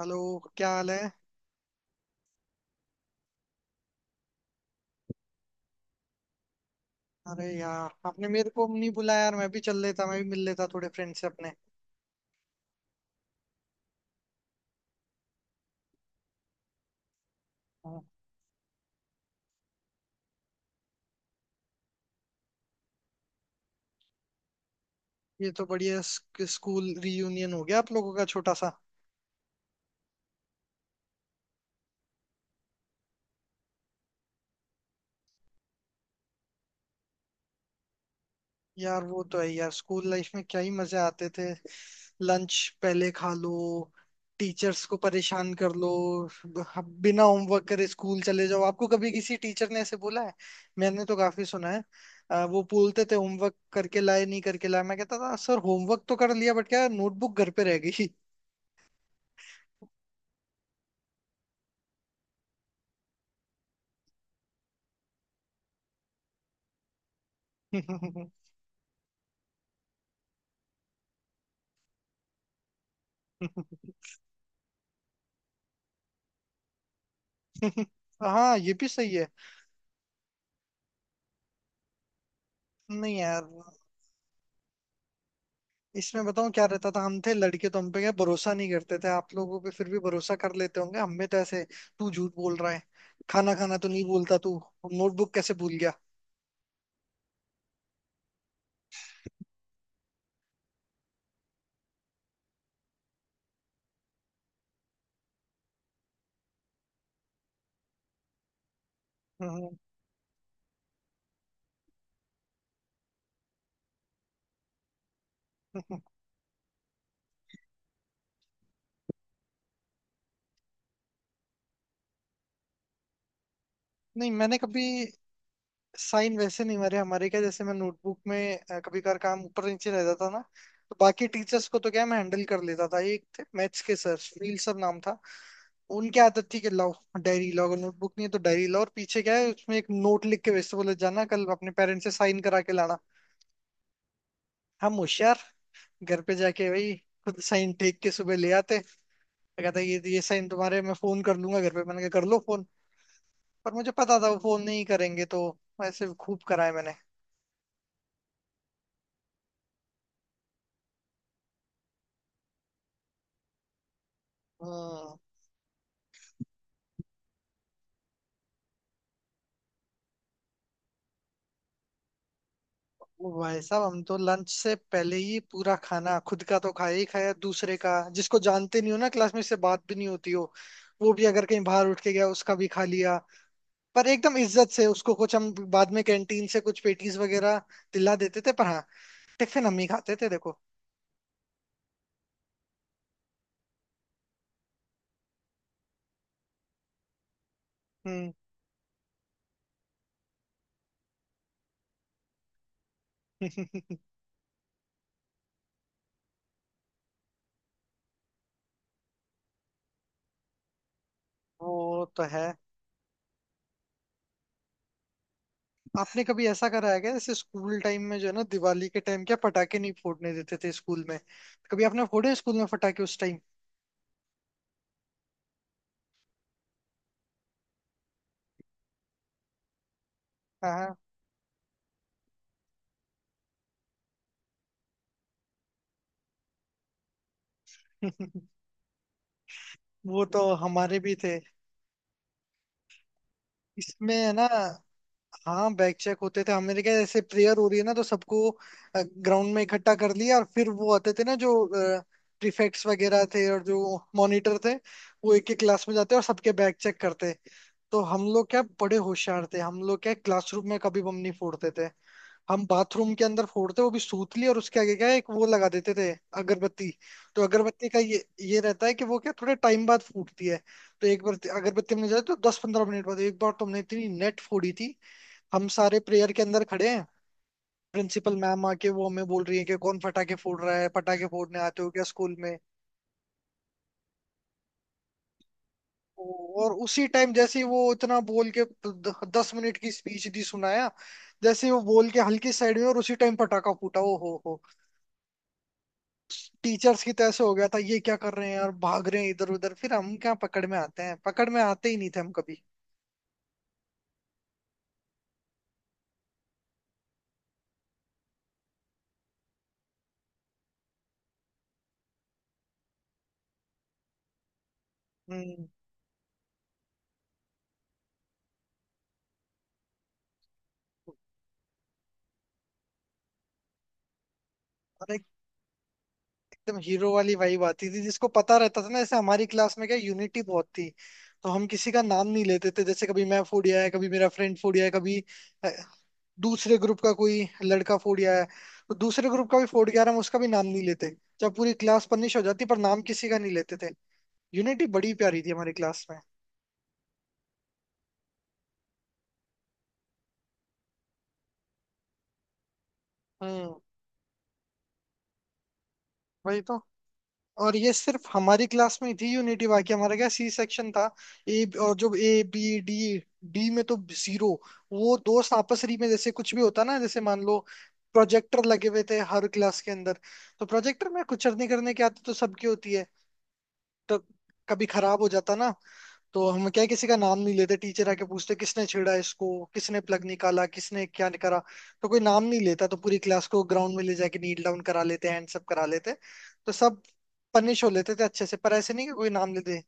Hello. क्या हाल है? अरे यार, आपने मेरे को नहीं बुलाया यार, मैं भी चल लेता, मैं भी मिल लेता थोड़े फ्रेंड से अपने। हाँ। ये तो बढ़िया स्कूल रीयूनियन हो गया आप लोगों का, छोटा सा। यार वो तो है यार, स्कूल लाइफ में क्या ही मजे आते थे। लंच पहले खा लो, टीचर्स को परेशान कर लो, बिना होमवर्क करे स्कूल चले जाओ। आपको कभी किसी टीचर ने ऐसे बोला है? मैंने तो काफी सुना है। वो बोलते थे होमवर्क करके लाए, नहीं करके लाए। मैं कहता था सर होमवर्क तो कर लिया बट क्या, नोटबुक घर पे रह गई। हाँ, ये भी सही है। नहीं यार, इसमें बताऊं क्या रहता था, हम थे लड़के तो हम पे क्या भरोसा नहीं करते थे। आप लोगों पे फिर भी भरोसा कर लेते होंगे, हम में तो ऐसे तू झूठ बोल रहा है, खाना खाना तो नहीं बोलता तू, नोटबुक कैसे भूल गया? हम्म। नहीं, मैंने कभी साइन वैसे नहीं मारे। हमारे क्या, जैसे मैं नोटबुक में कभी कभार काम ऊपर नीचे रह जाता ना, तो बाकी टीचर्स को तो क्या मैं हैंडल कर लेता था। एक थे मैथ्स के सर, फील सर नाम था। उनकी आदत थी कि लाओ डायरी लाओ, अगर नोटबुक नहीं है तो डायरी लाओ, और पीछे क्या है उसमें एक नोट लिख के, वैसे बोले जाना कल अपने पेरेंट्स से साइन करा के लाना। हम होशियार, घर पे जाके भाई खुद साइन टेक के सुबह ले आते। मैं कहता ये साइन तुम्हारे, मैं फोन कर लूंगा घर पे। मैंने कहा कर लो फोन, पर मुझे पता था वो फोन नहीं करेंगे। तो ऐसे खूब कराए मैंने। हम्म। वो भाई साहब, हम तो लंच से पहले ही पूरा खाना, खुद का तो खाया ही खाया, दूसरे का, जिसको जानते नहीं हो ना, क्लास में से बात भी नहीं होती हो, वो भी अगर कहीं बाहर उठ के गया उसका भी खा लिया। पर एकदम इज्जत से उसको कुछ हम बाद में कैंटीन से कुछ पेटीज वगैरह दिला देते थे। पर हाँ, टिफिन हम ही खाते थे, देखो। हम्म। वो तो है। आपने कभी ऐसा करा है क्या, जैसे स्कूल टाइम में जो है ना, दिवाली के टाइम क्या पटाखे नहीं फोड़ने देते थे स्कूल में? कभी आपने फोड़े स्कूल में पटाखे उस टाइम? हाँ। हाँ। वो तो हमारे भी थे इसमें है ना। हाँ, बैक चेक होते थे। हमारे क्या, जैसे प्रेयर हो रही है ना, तो सबको ग्राउंड में इकट्ठा कर लिया और फिर वो आते थे ना जो प्रीफेक्ट्स वगैरह थे और जो मॉनिटर थे, वो एक एक क्लास में जाते और सबके बैक चेक करते। तो हम लोग क्या बड़े होशियार थे, हम लोग क्या क्लासरूम में कभी बम नहीं फोड़ते थे। हम बाथरूम के अंदर फोड़ते, वो भी सूतली, और उसके आगे क्या है, एक वो लगा देते थे, अगरबत्ती। तो अगरबत्ती का ये रहता है कि वो क्या थोड़े टाइम बाद फूटती है। तो एक बार अगरबत्ती हमने जलाई तो दस पंद्रह मिनट बाद एक बार तुमने इतनी नेट फोड़ी थी। हम सारे प्रेयर के अंदर खड़े हैं, प्रिंसिपल मैम आके वो हमें बोल रही है कि कौन पटाखे फोड़ रहा है, पटाखे फोड़ने आते हो क्या स्कूल में। और उसी टाइम जैसे ही वो इतना बोल के 10 मिनट की स्पीच दी, सुनाया, जैसे ही वो बोल के हल्की साइड में, और उसी टाइम पटाखा फूटा, ओ हो हो। टीचर्स की तैसे हो गया था, ये क्या कर रहे हैं यार, भाग रहे हैं इधर उधर, फिर हम क्या पकड़ में आते हैं, पकड़ में आते ही नहीं थे हम कभी। हम्म। और एकदम हीरो वाली वाइब आती थी जिसको पता रहता था ना, जैसे हमारी क्लास में क्या यूनिटी बहुत थी। तो हम किसी का नाम नहीं लेते थे, जैसे कभी मैं फूडिया है, कभी मेरा फ्रेंड फूडिया है, कभी अ, दूसरे ग्रुप का कोई लड़का फूडिया है, तो दूसरे ग्रुप का भी फूड गया हम उसका भी नाम नहीं लेते। जब पूरी क्लास पनिश हो जाती पर नाम किसी का नहीं लेते थे। यूनिटी बड़ी प्यारी थी हमारी क्लास में। हम्म। वही तो। और ये सिर्फ हमारी क्लास में थी यूनिटी, बाकी हमारा क्या सी सेक्शन था, ए और जो ए बी डी, डी में तो जीरो। वो दोस्त आपसरी में जैसे कुछ भी होता ना, जैसे मान लो, प्रोजेक्टर लगे हुए थे हर क्लास के अंदर, तो प्रोजेक्टर में कुछ नहीं करने की आदत तो सबकी होती है, तो कभी खराब हो जाता ना, तो हम क्या है, किसी का नाम नहीं लेते। टीचर आके पूछते किसने छेड़ा इसको, किसने प्लग निकाला, किसने क्या करा, तो कोई नाम नहीं लेता, तो पूरी क्लास को ग्राउंड में ले जाके नील डाउन करा लेते, हैंड सब करा लेते। तो सब पनिश हो लेते थे अच्छे से, पर ऐसे नहीं कि कोई नाम ले दे।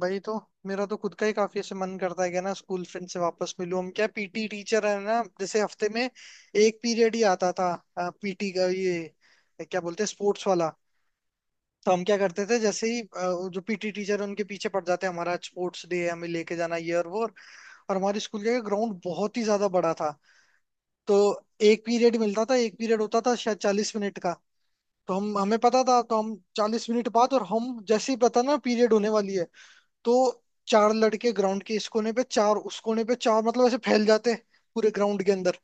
भाई तो मेरा तो खुद का ही काफी ऐसे मन करता है कि ना स्कूल फ्रेंड से वापस मिलूं। हम क्या पीटी टीचर है ना, जैसे हफ्ते में एक पीरियड ही आता था पीटी का, ये क्या बोलते हैं स्पोर्ट्स वाला। तो हम क्या करते थे जैसे ही वो जो पीटी टीचर, उनके पीछे पड़ जाते हैं हमारा स्पोर्ट्स डे है, हमें लेके जाना ये और वो और। और हमारे स्कूल का ग्राउंड बहुत ही ज्यादा बड़ा था। तो एक पीरियड मिलता था, एक पीरियड होता था शायद 40 मिनट का। तो हम हमें पता था तो हम 40 मिनट बाद, और हम जैसे ही पता ना पीरियड होने वाली है, तो चार लड़के ग्राउंड के इस कोने पे, चार उस कोने पे, चार, मतलब ऐसे फैल जाते पूरे ग्राउंड के अंदर,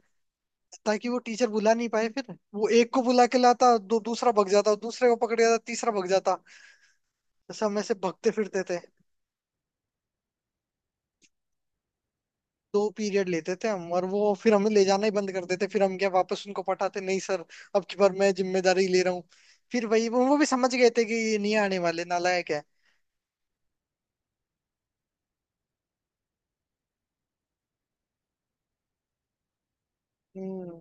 ताकि वो टीचर बुला नहीं पाए। फिर वो एक को बुला के लाता, दो दूसरा भग जाता, दूसरे को पकड़ जाता तीसरा भग जाता, ऐसे हम ऐसे भगते फिरते थे। दो पीरियड लेते थे हम, और वो फिर हमें ले जाना ही बंद कर देते, फिर हम क्या वापस उनको पटाते नहीं सर, अब की बार मैं जिम्मेदारी ले रहा हूँ। फिर वही, वो भी समझ गए थे कि ये नहीं आने वाले, नालायक है। हम्म।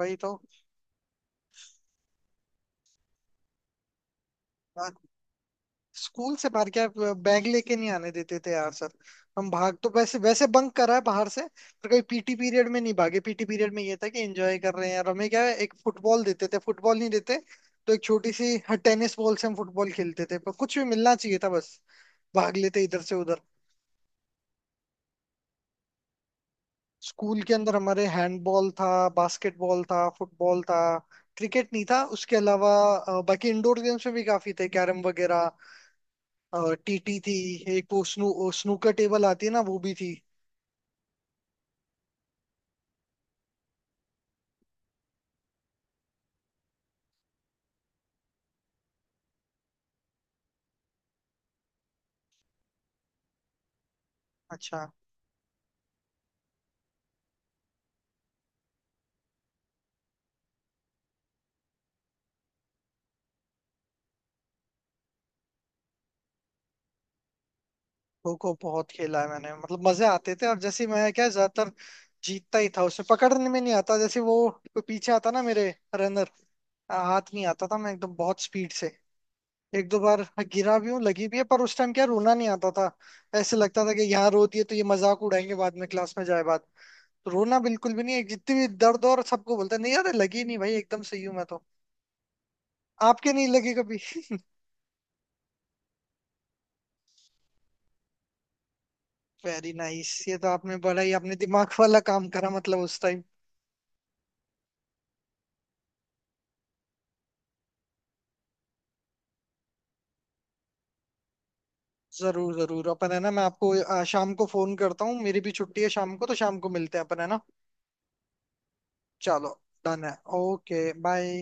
वही तो। आ, स्कूल से बाहर क्या, बैग लेके नहीं आने देते थे यार सर। हम भाग तो वैसे वैसे बंक करा है बाहर से, पर कभी पीटी पीरियड में नहीं भागे। पीटी पीरियड में ये था कि एंजॉय कर रहे हैं, और हमें क्या है, एक फुटबॉल देते थे, फुटबॉल नहीं देते तो एक छोटी सी टेनिस बॉल से हम फुटबॉल खेलते थे। पर कुछ भी मिलना चाहिए था बस, भाग लेते इधर से उधर। स्कूल के अंदर हमारे हैंडबॉल था, बास्केटबॉल था, फुटबॉल था, क्रिकेट नहीं था। उसके अलावा बाकी इंडोर गेम्स में भी काफी थे, कैरम वगैरह, टीटी थी, एक वो स्नूकर टेबल आती है ना, वो भी थी। अच्छा। खो खो बहुत खेला है मैंने, मतलब मजे आते थे। और जैसे मैं क्या ज्यादातर जीतता ही था, उसे पकड़ने में नहीं आता, जैसे वो कोई पीछे आता ना मेरे, रनर, हाथ नहीं आता था, मैं एकदम बहुत स्पीड से। एक दो बार गिरा भी हूँ, लगी भी है, पर उस टाइम क्या रोना नहीं आता था। ऐसे लगता था कि यहाँ रोती है तो ये मजाक उड़ाएंगे बाद में क्लास में जाए बाद। तो रोना बिल्कुल भी नहीं है, जितनी भी दर्द हो, और सबको बोलता है नहीं यार लगी नहीं भाई, एकदम सही हूँ मैं तो। आपके नहीं लगी कभी? वेरी नाइस, ये तो आपने बड़ा ही अपने दिमाग वाला काम करा मतलब, उस टाइम। जरूर जरूर, अपन है ना। मैं आपको शाम को फोन करता हूँ, मेरी भी छुट्टी है शाम को, तो शाम को मिलते हैं अपन है ना। चलो डन है। Okay bye.